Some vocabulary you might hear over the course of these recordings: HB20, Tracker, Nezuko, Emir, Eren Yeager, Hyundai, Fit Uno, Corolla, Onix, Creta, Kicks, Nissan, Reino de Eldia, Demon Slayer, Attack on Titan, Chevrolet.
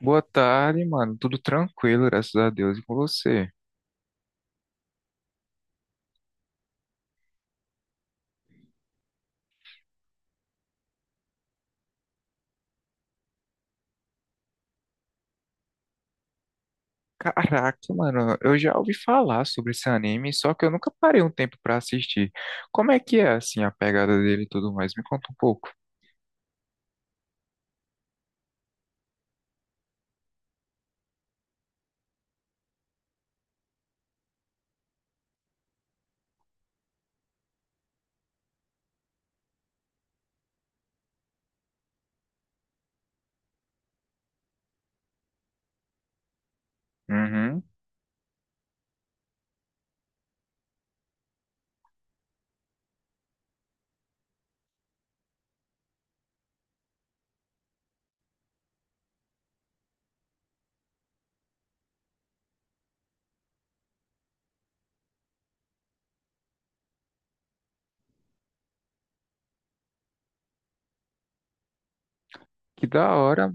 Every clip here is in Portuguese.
Boa tarde, mano. Tudo tranquilo, graças a Deus. E com você? Caraca, mano, eu já ouvi falar sobre esse anime, só que eu nunca parei um tempo pra assistir. Como é que é, assim, a pegada dele e tudo mais? Me conta um pouco. Uhum. Que da hora.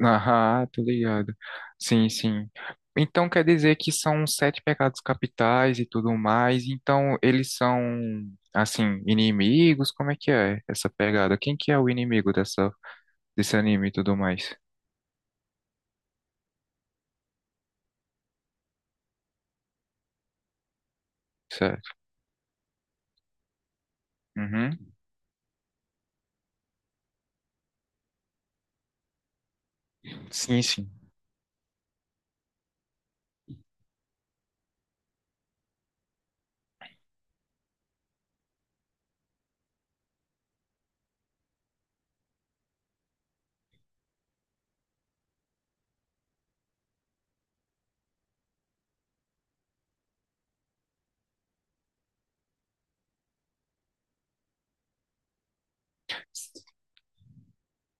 Ah, tô ligado. Sim, sim. Então quer dizer que são sete pecados capitais e tudo mais. Então eles são, assim, inimigos? Como é que é essa pegada? Quem que é o inimigo dessa, desse anime e tudo mais? Certo. Uhum. Sim, sim.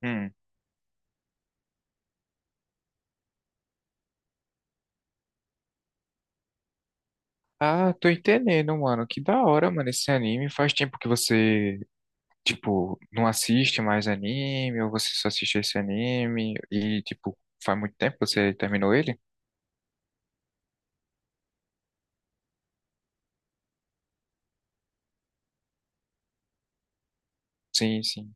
Hum. Ah, tô entendendo, mano. Que da hora, mano, esse anime. Faz tempo que você, tipo, não assiste mais anime, ou você só assiste esse anime, e, tipo, faz muito tempo que você terminou ele? Sim, sim.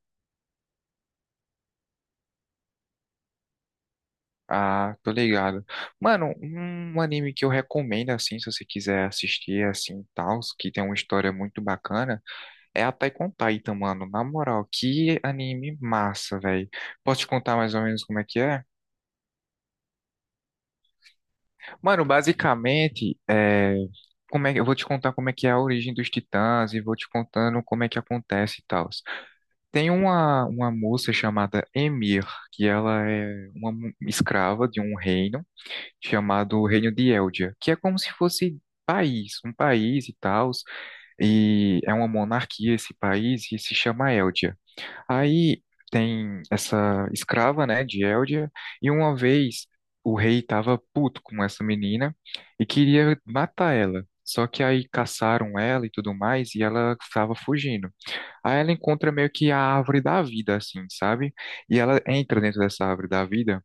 Ah, tô ligado. Mano, um anime que eu recomendo, assim, se você quiser assistir, assim, tal, que tem uma história muito bacana, é Attack on Titan, mano. Na moral, que anime massa, velho. Posso te contar mais ou menos como é que é? Mano, basicamente, é, como é que eu vou te contar como é que é a origem dos Titãs e vou te contando como é que acontece e tal. Tem uma moça chamada Emir, que ela é uma escrava de um reino chamado Reino de Eldia, que é como se fosse país, um país e tal, e é uma monarquia esse país e se chama Eldia. Aí tem essa escrava, né, de Eldia, e uma vez o rei estava puto com essa menina e queria matar ela. Só que aí caçaram ela e tudo mais, e ela estava fugindo. Aí ela encontra meio que a árvore da vida, assim, sabe? E ela entra dentro dessa árvore da vida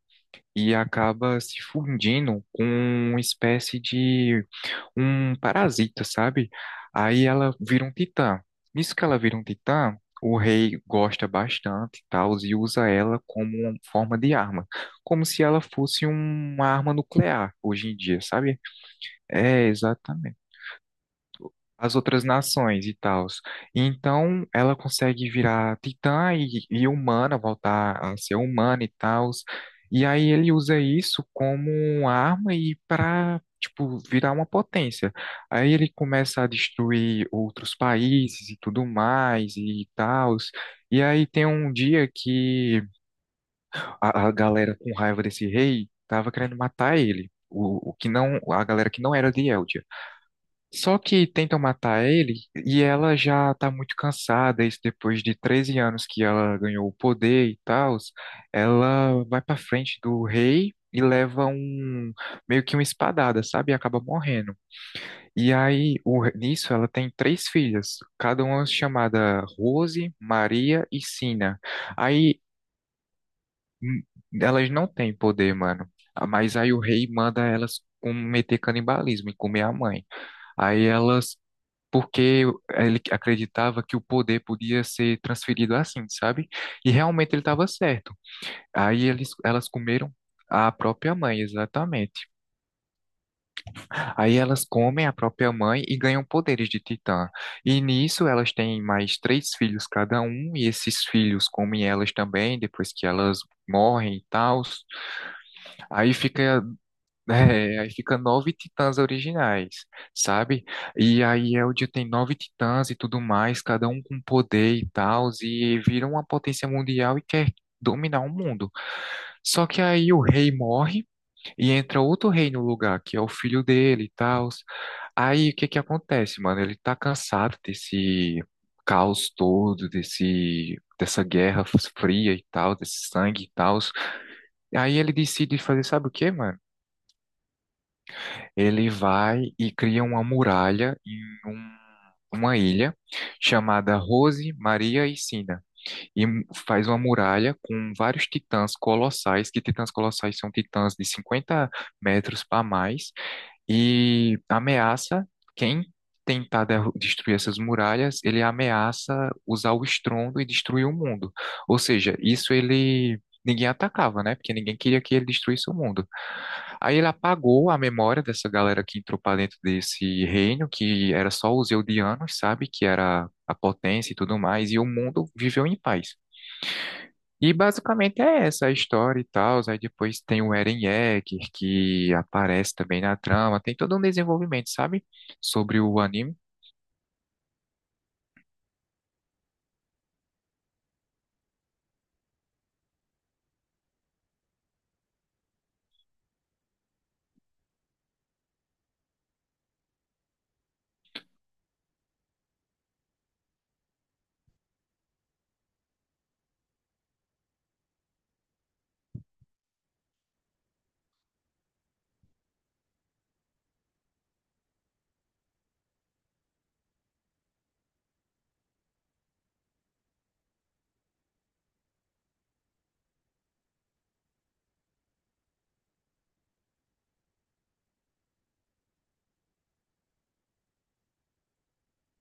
e acaba se fundindo com uma espécie de um parasita, sabe? Aí ela vira um titã. Nisso que ela vira um titã, o rei gosta bastante e tal, e usa ela como uma forma de arma, como se ela fosse uma arma nuclear hoje em dia, sabe? É, exatamente as outras nações e tals. Então, ela consegue virar titã e humana, voltar a ser humana e tals. E aí ele usa isso como arma e para, tipo, virar uma potência. Aí ele começa a destruir outros países e tudo mais e tals. E aí tem um dia que a galera com raiva desse rei tava querendo matar ele. O que não, A galera que não era de Eldia. Só que tentam matar ele e ela já tá muito cansada, isso depois de 13 anos que ela ganhou o poder e tal. Ela vai pra frente do rei e leva um meio que uma espadada, sabe? E acaba morrendo. E aí, nisso, ela tem três filhas, cada uma chamada Rose, Maria e Sina. Aí hum, elas não têm poder, mano. Ah, mas aí o rei manda elas cometer canibalismo e comer a mãe. Aí elas porque ele acreditava que o poder podia ser transferido assim, sabe? E realmente ele estava certo. Aí elas comeram a própria mãe, exatamente. Aí elas comem a própria mãe e ganham poderes de titã. E nisso elas têm mais três filhos cada um, e esses filhos comem elas também, depois que elas morrem e tal. Aí fica É, aí fica nove titãs originais, sabe? E aí Eldia tem nove titãs e tudo mais, cada um com poder e tal, e vira uma potência mundial e quer dominar o mundo. Só que aí o rei morre e entra outro rei no lugar, que é o filho dele e tal. Aí o que que acontece, mano? Ele tá cansado desse caos todo, desse dessa guerra fria e tal, desse sangue e tal. Aí ele decide fazer, sabe o quê, mano? Ele vai e cria uma muralha em um- uma ilha chamada Rose, Maria e Sina. E faz uma muralha com vários titãs colossais, que titãs colossais são titãs de 50 metros para mais, e ameaça quem tentar destruir essas muralhas, ele ameaça usar o estrondo e destruir o mundo. Ou seja, isso ele ninguém atacava, né? Porque ninguém queria que ele destruísse o mundo. Aí ele apagou a memória dessa galera que entrou para dentro desse reino, que era só os Eldianos, sabe? Que era a potência e tudo mais, e o mundo viveu em paz. E basicamente é essa a história e tal. Aí depois tem o Eren Yeager que aparece também na trama. Tem todo um desenvolvimento, sabe? Sobre o anime.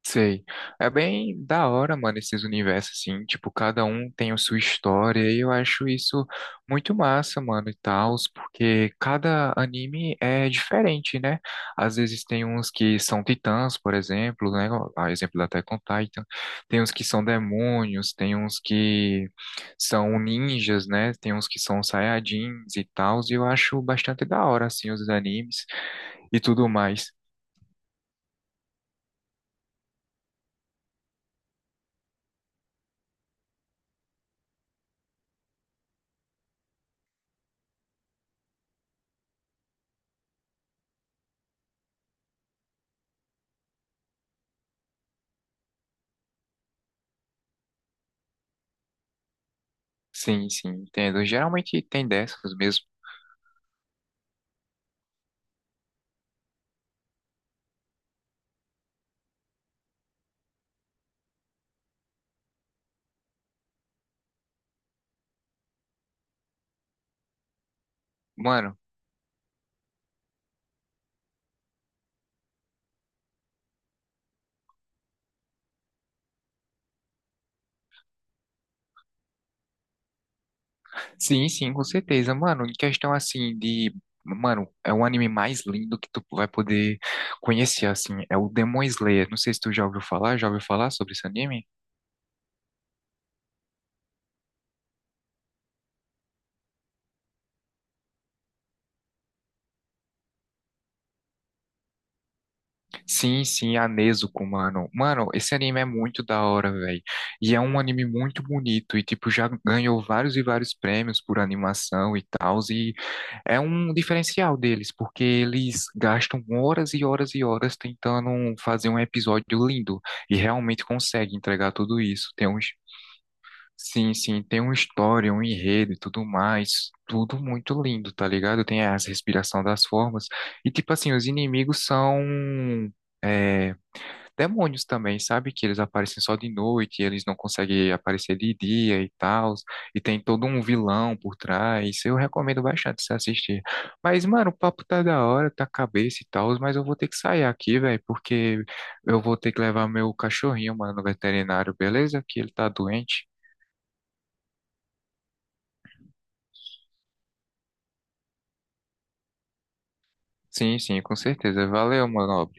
Sei. É bem da hora, mano, esses universos, assim. Tipo, cada um tem a sua história e eu acho isso muito massa, mano, e tal, porque cada anime é diferente, né? Às vezes tem uns que são titãs, por exemplo, né? A exemplo da Attack on Titan. Tem uns que são demônios, tem uns que são ninjas, né? Tem uns que são saiyajins e tal, e eu acho bastante da hora, assim, os animes e tudo mais. Sim, sim, entendo. Geralmente tem dessas mesmo. Mano, sim, sim, com certeza. Mano, em questão assim de. Mano, é o anime mais lindo que tu vai poder conhecer, assim. É o Demon Slayer. Não sei se tu já ouviu falar sobre esse anime? Sim, sim, a Nezuko, mano. Mano, esse anime é muito da hora, velho. E é um anime muito bonito. E, tipo, já ganhou vários e vários prêmios por animação e tal. E é um diferencial deles, porque eles gastam horas e horas e horas tentando fazer um episódio lindo e realmente conseguem entregar tudo isso. Tem uns, sim, sim, tem uma história, um enredo e tudo mais, tudo muito lindo, tá ligado? Tem as respiração das formas e tipo assim, os inimigos são é, demônios também, sabe? Que eles aparecem só de noite, eles não conseguem aparecer de dia e tal, e tem todo um vilão por trás. Eu recomendo bastante você assistir. Mas, mano, o papo tá da hora, tá cabeça e tal, mas eu vou ter que sair aqui, velho, porque eu vou ter que levar meu cachorrinho, mano, no veterinário, beleza? Que ele tá doente. Sim, sim, com certeza. Valeu, mano.